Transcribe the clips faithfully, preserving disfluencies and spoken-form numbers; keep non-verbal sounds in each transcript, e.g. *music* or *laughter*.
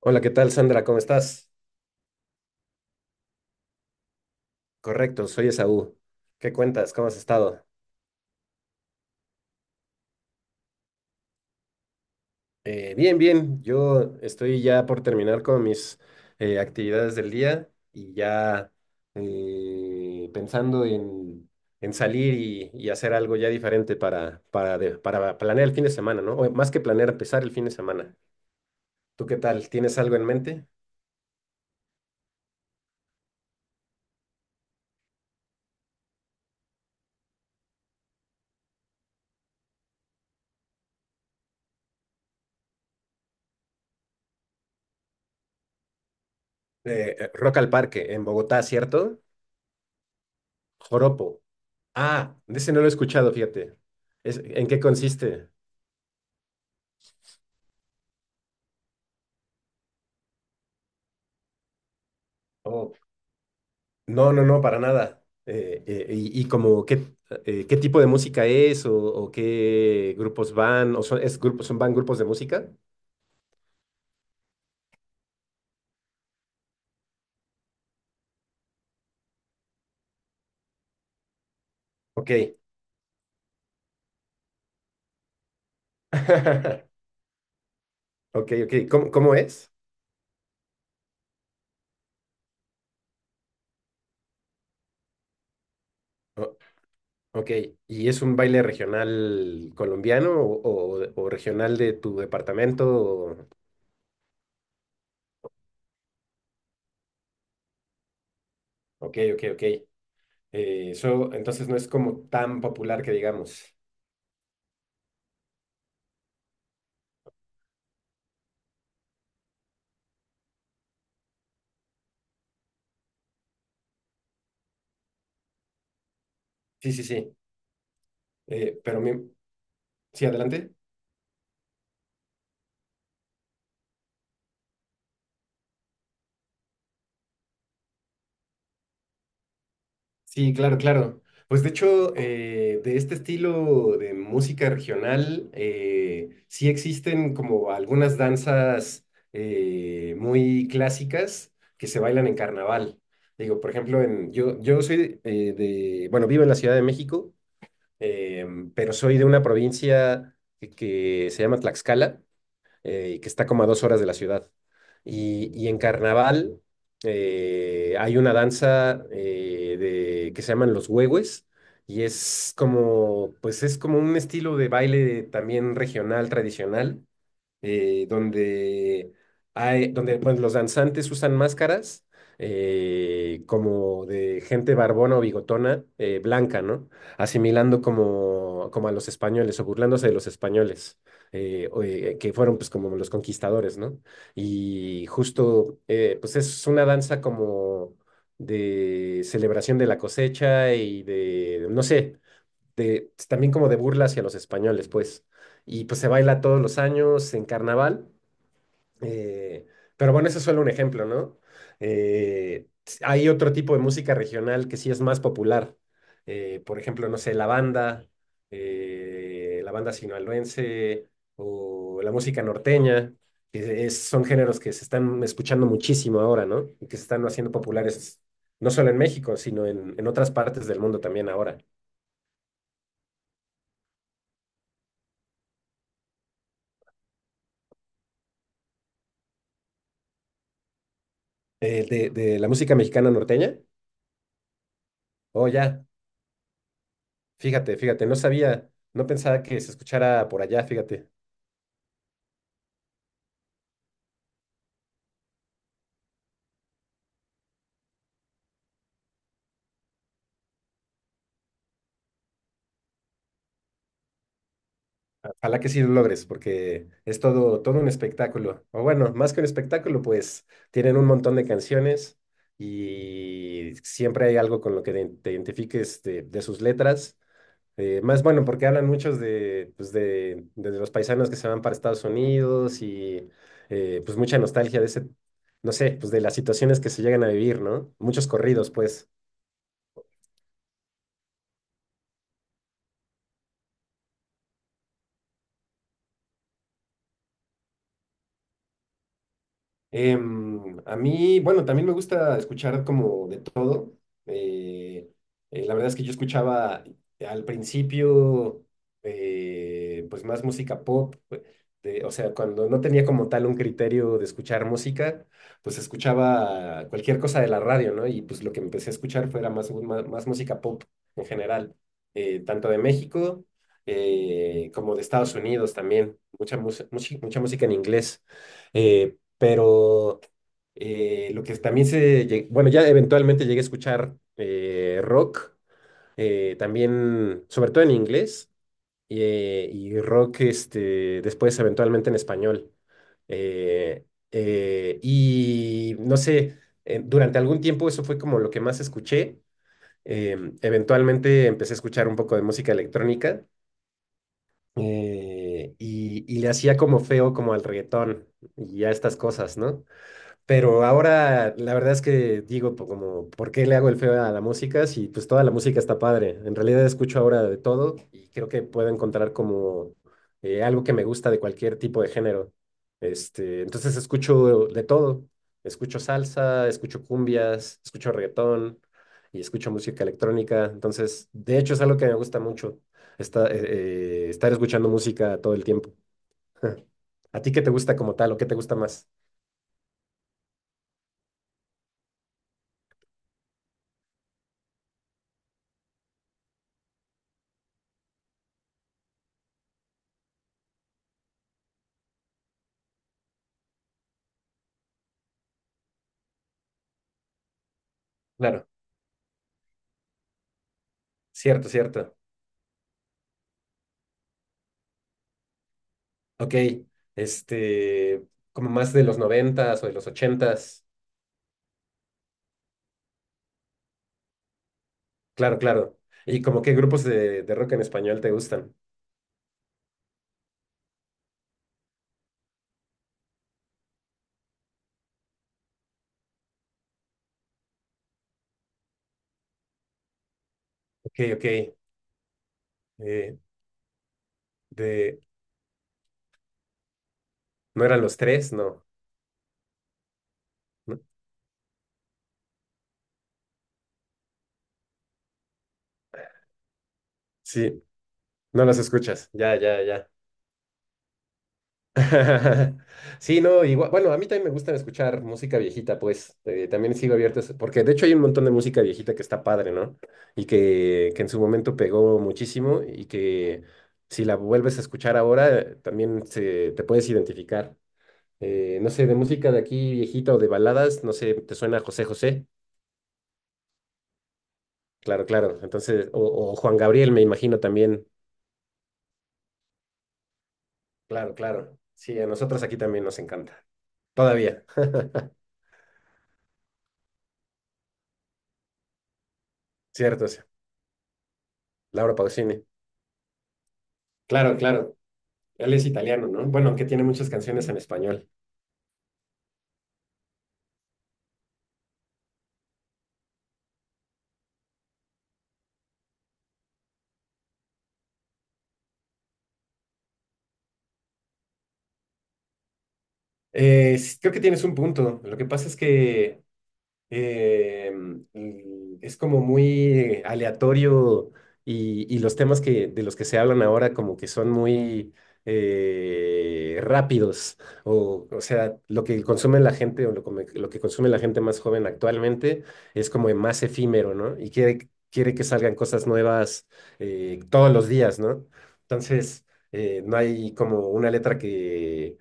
Hola, ¿qué tal, Sandra? ¿Cómo estás? Correcto, soy Esaú. ¿Qué cuentas? ¿Cómo has estado? Eh, bien, bien. Yo estoy ya por terminar con mis eh, actividades del día y ya eh, pensando en, en salir y, y hacer algo ya diferente para, para, de- para planear el fin de semana, ¿no? O más que planear, empezar el fin de semana. ¿Tú qué tal? ¿Tienes algo en mente? Eh, eh, Rock al Parque, en Bogotá, ¿cierto? Joropo. Ah, de ese no lo he escuchado, fíjate. Es- ¿en qué consiste? Oh, no, no, no, para nada. Eh, eh, y, y como qué, eh, qué tipo de música es o, o qué grupos van, o son, es grupos, son, van grupos de música. Ok. *laughs* Ok, ok. ¿Cómo, cómo es? O- ok. ¿Y es un baile regional colombiano o, o- o regional de tu departamento? O- Ok, ok, ok. Eh, eso entonces no es como tan popular que digamos. Sí, sí, sí. Eh, pero mi- sí, adelante. Sí, claro, claro. Pues de hecho, eh, de este estilo de música regional, eh, sí existen como algunas danzas eh, muy clásicas que se bailan en carnaval. Digo, por ejemplo, en, yo, yo soy eh, de, bueno, vivo en la Ciudad de México, em, pero soy de una provincia que, que se llama Tlaxcala eh, y que está como a dos horas de la ciudad. Y, y en carnaval eh, hay una danza eh, de, que se llaman los huehues y es como, pues es como un estilo de baile también regional, tradicional, eh, donde hay, donde pues, los danzantes usan máscaras eh, como de gente barbona o bigotona eh, blanca, ¿no? Asimilando como, como a los españoles o burlándose de los españoles. Eh, o, eh, que fueron pues como los conquistadores, ¿no? Y justo eh, pues es una danza como de celebración de la cosecha y de, no sé, de, también como de burla hacia los españoles, pues. Y pues se baila todos los años en carnaval. eh, pero bueno, ese es solo un ejemplo, ¿no? Eh, hay otro tipo de música regional que sí es más popular. Eh, por ejemplo, no sé, la banda, eh, la banda sinaloense o la música norteña, que es- son géneros que se están escuchando muchísimo ahora, ¿no? Y que se están haciendo populares no solo en México, sino en en otras partes del mundo también ahora. Eh, de, de la música mexicana norteña. Oh, ya, fíjate, fíjate, no sabía, no pensaba que se escuchara por allá, fíjate. Ojalá que sí lo logres, porque es todo, todo un espectáculo. O bueno, más que un espectáculo, pues tienen un montón de canciones y siempre hay algo con lo que te te identifiques de, de sus letras. Eh, más bueno, porque hablan muchos de, pues de, de los paisanos que se van para Estados Unidos y eh, pues mucha nostalgia de ese, no sé, pues de las situaciones que se llegan a vivir, ¿no? Muchos corridos, pues. Em, a mí, bueno, también me gusta escuchar como de todo. Eh, eh, la verdad es que yo escuchaba al principio, eh, pues más música pop. Pues, de- o sea, cuando no tenía como tal un criterio de escuchar música, pues escuchaba cualquier cosa de la radio, ¿no? Y pues lo que empecé a escuchar fuera más, más, más música pop en general, eh, tanto de México eh, como de Estados Unidos también. Mucha, mus- mucha, mucha música en inglés. Eh, pero eh, lo que también se, lle- bueno, ya eventualmente llegué a escuchar eh, rock, eh, también, sobre todo en inglés, eh, y rock este, después eventualmente en español. Eh, eh, y no sé, eh, durante algún tiempo eso fue como lo que más escuché. Em, eventualmente empecé a escuchar un poco de música electrónica eh, y, y le hacía como feo como al reggaetón y a estas cosas, ¿no? Pero ahora la verdad es que digo po- como, ¿por qué le hago el feo a la música? Si pues toda la música está padre. En realidad escucho ahora de todo y creo que puedo encontrar como eh, algo que me gusta de cualquier tipo de género. Este, entonces escucho de todo. Escucho salsa, escucho cumbias, escucho reggaetón y escucho música electrónica. Entonces, de hecho es algo que me gusta mucho, esta- eh, eh, estar escuchando música todo el tiempo. *laughs* ¿A ti qué te gusta como tal o qué te gusta más? Claro, cierto, cierto. Ok, este, como más de los noventas o de los ochentas. Claro, claro. ¿Y como qué grupos de, de rock en español te gustan? Ok, ok. eh, de, ¿No eran los tres? No. ¿No? Sí, no los escuchas. Ya, ya, ya. *laughs* Sí, no, igual, bueno, a mí también me gusta escuchar música viejita, pues eh, también sigo abierto, a eso, porque de hecho hay un montón de música viejita que está padre, ¿no? Y que, que en su momento pegó muchísimo y que si la vuelves a escuchar ahora, eh, también se, te puedes identificar. Eh, no sé, de música de aquí viejita o de baladas, no sé, ¿te suena José José? Claro, claro. Entonces, o, o Juan Gabriel, me imagino también. Claro, claro. Sí, a nosotros aquí también nos encanta. Todavía, *laughs* cierto, sí. Laura Pausini. Claro, claro. Él es italiano, ¿no? Bueno, aunque tiene muchas canciones en español. Eh, s- creo que tienes un punto. Lo que pasa es que eh, y es como muy aleatorio y, y los temas que, de los que se hablan ahora como que son muy eh, rápidos o, o sea, lo que consume la gente o lo, come- lo que consume la gente más joven actualmente es como más efímero, ¿no? Y quiere, quiere que salgan cosas nuevas eh, todos los días, ¿no? Entonces, eh, no hay como una letra que...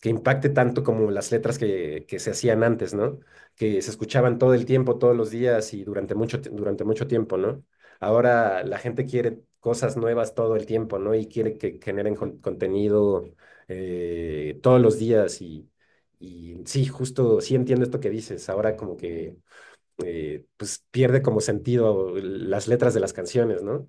que impacte tanto como las letras que, que se hacían antes, ¿no? Que se escuchaban todo el tiempo, todos los días y durante mucho, ti- durante mucho tiempo, ¿no? Ahora la gente quiere cosas nuevas todo el tiempo, ¿no? Y quiere que generen con- contenido eh, todos los días y, y sí, justo, sí entiendo esto que dices. Ahora como que eh, pues pierde como sentido las letras de las canciones, ¿no?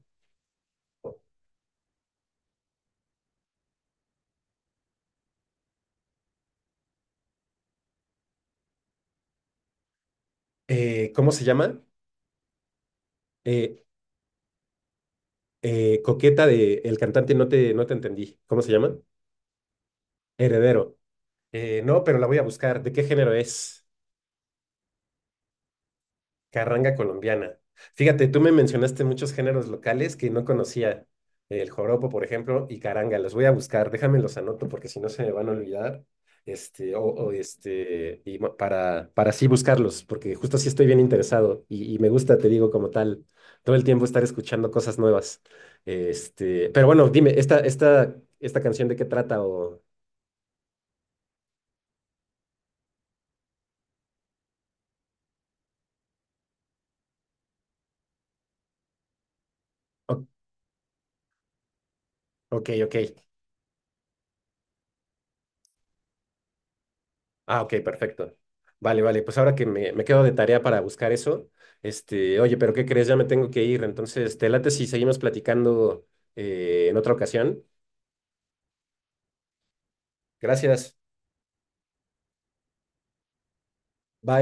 Eh, ¿cómo se llama? Eh, eh, Coqueta de el cantante, no te, no te entendí. ¿Cómo se llama? Heredero. Eh, no, pero la voy a buscar. ¿De qué género es? Carranga colombiana. Fíjate, tú me mencionaste muchos géneros locales que no conocía. El joropo, por ejemplo, y caranga. Los voy a buscar, déjame los anoto porque si no se me van a olvidar. Este, o, o este, y ma- para, para así buscarlos, porque justo así estoy bien interesado y, y me gusta, te digo, como tal, todo el tiempo estar escuchando cosas nuevas. Este, pero bueno, dime, ¿esta, esta, esta canción de qué trata? O, o- ok, ok. Ah, ok, perfecto. Vale, vale, pues ahora que me, me quedo de tarea para buscar eso, este, oye, pero ¿qué crees? Ya me tengo que ir, entonces, te late si seguimos platicando eh, en otra ocasión. Gracias. Bye.